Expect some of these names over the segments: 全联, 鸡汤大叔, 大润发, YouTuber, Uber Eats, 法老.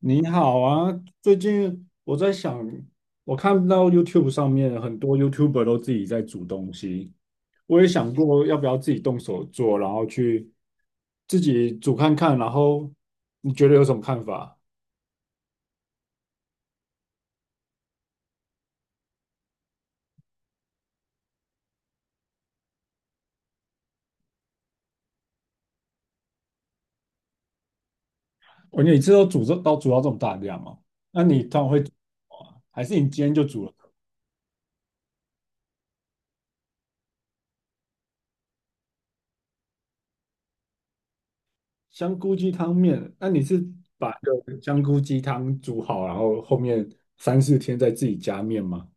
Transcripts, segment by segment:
你好啊，最近我在想，我看到 YouTube 上面很多 YouTuber 都自己在煮东西，我也想过要不要自己动手做，然后去自己煮看看，然后你觉得有什么看法？你每次都煮到这么大量哦，那你通常会煮什么啊还是你今天就煮了香菇鸡汤面？那你是把一个香菇鸡汤煮好，然后后面3、4天再自己加面吗？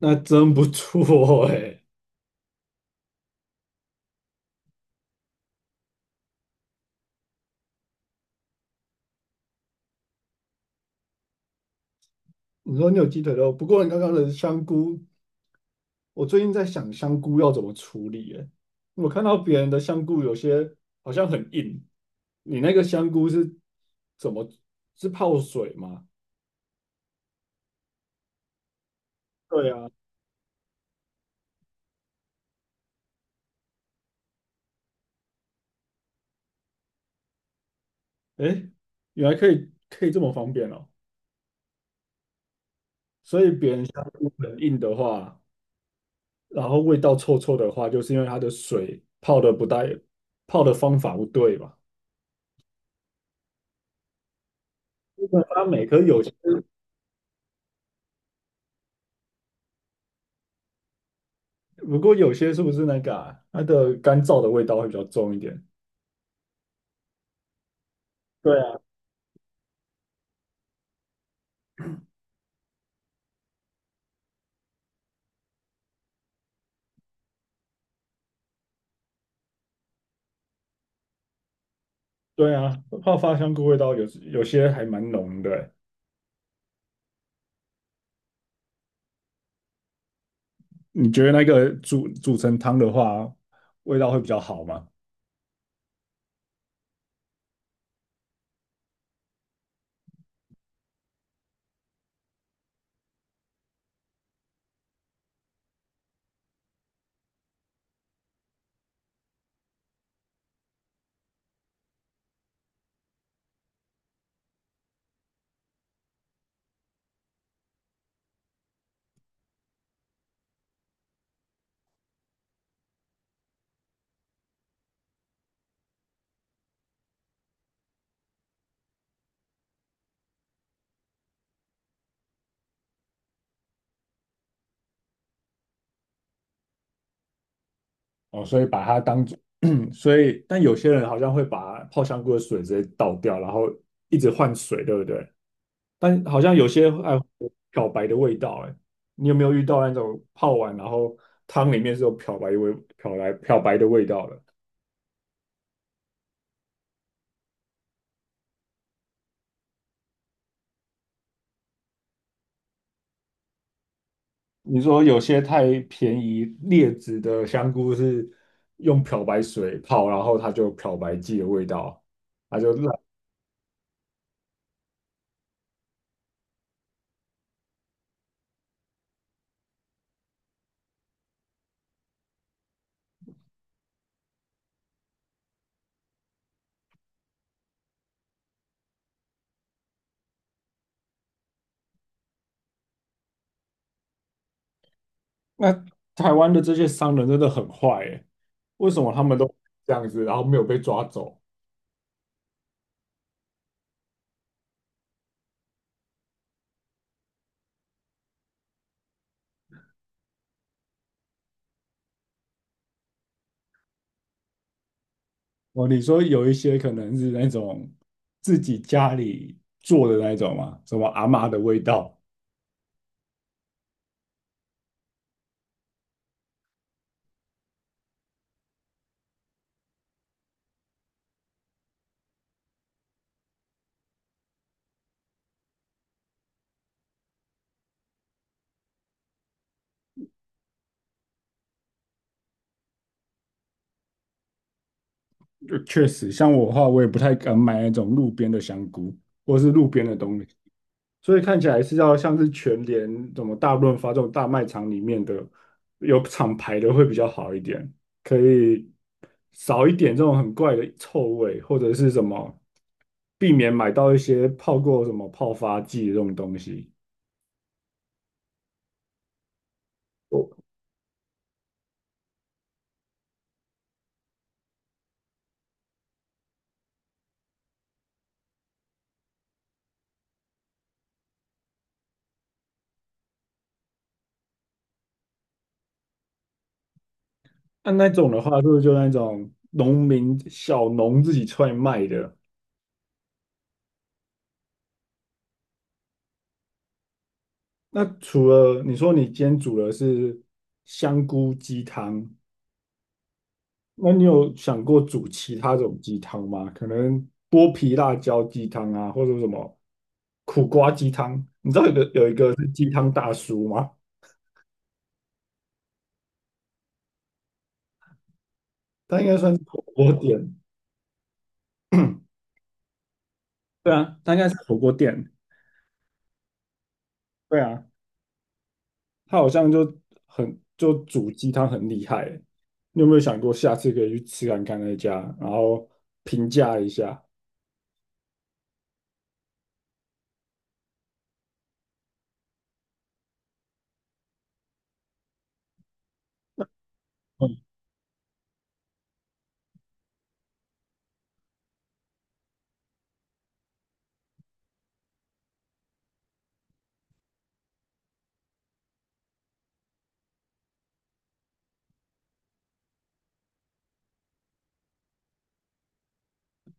那真不错哎。你说你有鸡腿肉，不过你刚刚的香菇，我最近在想香菇要怎么处理耶。我看到别人的香菇有些好像很硬，你那个香菇是怎么是泡水吗？对啊，诶，原来可以这么方便哦。所以别人香菇很硬的话，然后味道臭臭的话，就是因为它的水泡的不带，泡的方法不对吧？它每颗有些，不过有些是不是那个啊，它的干燥的味道会比较重一点？对啊，对啊，泡发香菇味道有些还蛮浓的欸。你觉得那个煮成汤的话，味道会比较好吗？哦，所以把它当做，所以但有些人好像会把泡香菇的水直接倒掉，然后一直换水，对不对？但好像有些爱漂白的味道，哎，你有没有遇到那种泡完然后汤里面是有漂白味、漂白的味道的？你说有些太便宜劣质的香菇是用漂白水泡，然后它就有漂白剂的味道，它就烂。那台湾的这些商人真的很坏诶，为什么他们都这样子，然后没有被抓走？哦，你说有一些可能是那种自己家里做的那种嘛，什么阿嬷的味道，就确实，像我的话，我也不太敢买那种路边的香菇或是路边的东西。所以看起来是要像是全联、什么大润发这种大卖场里面的有厂牌的会比较好一点，可以少一点这种很怪的臭味，或者是什么避免买到一些泡过什么泡发剂这种东西。哦，那种的话，是不是就那种农民小农自己出来卖的？那除了你说你今天煮的是香菇鸡汤，那你有想过煮其他种鸡汤吗？可能剥皮辣椒鸡汤啊，或者什么苦瓜鸡汤？你知道鸡汤大叔吗？他应该算是火锅店，对啊，他应该是火锅店，对啊，他好像就煮鸡汤很厉害欸。你有没有想过下次可以去吃看看那家，然后评价一下？嗯，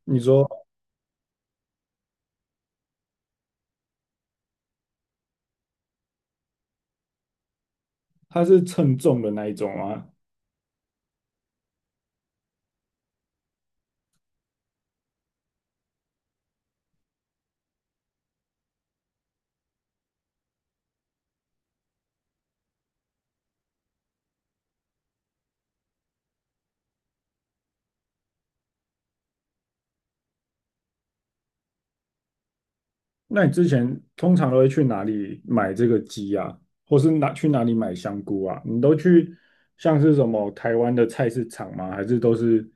你说他是称重的那一种吗？那你之前通常都会去哪里买这个鸡啊，或是去哪里买香菇啊？你都去像是什么台湾的菜市场吗？还是都是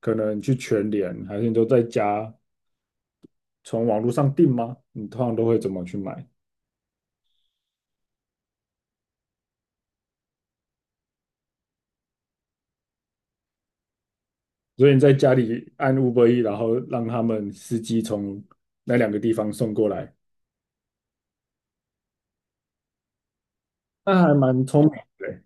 可能去全联，还是你都在家从网络上订吗？你通常都会怎么去买？所以你在家里按 Uber E，然后让他们司机从那两个地方送过来，那还蛮聪明的欸。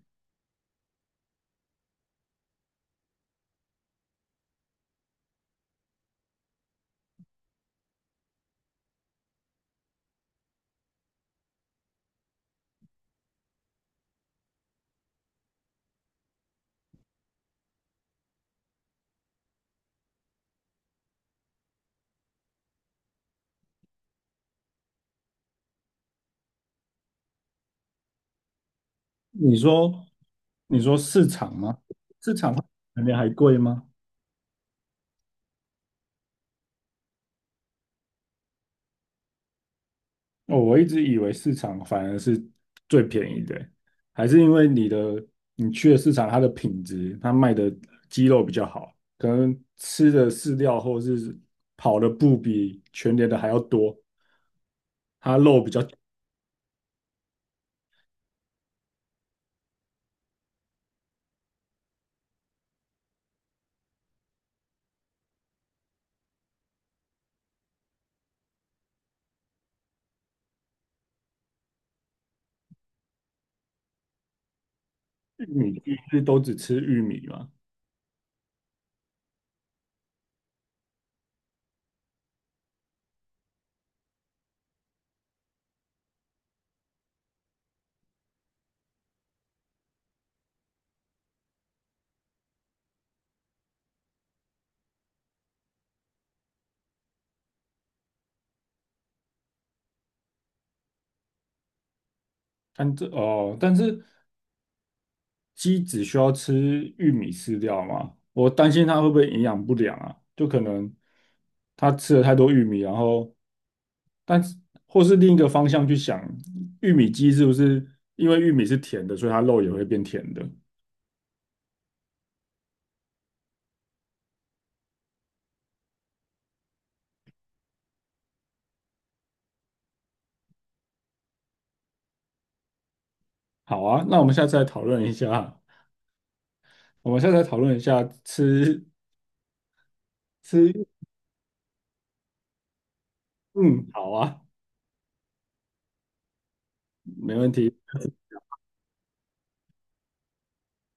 你说，你说市场吗？市场会比全联还贵吗？哦，我一直以为市场反而是最便宜的欸。还是因为你去的市场，它的品质，它卖的鸡肉比较好，可能吃的饲料或是跑的步比全年的还要多，它肉比较玉米，玉米都只吃玉米嘛。但这哦，但是鸡只需要吃玉米饲料吗？我担心它会不会营养不良啊？就可能它吃了太多玉米，然后，但是或是另一个方向去想，玉米鸡是不是因为玉米是甜的，所以它肉也会变甜的？好啊，那我们下次来讨论一下，我们下次来讨论一下吃，嗯，好啊，没问题。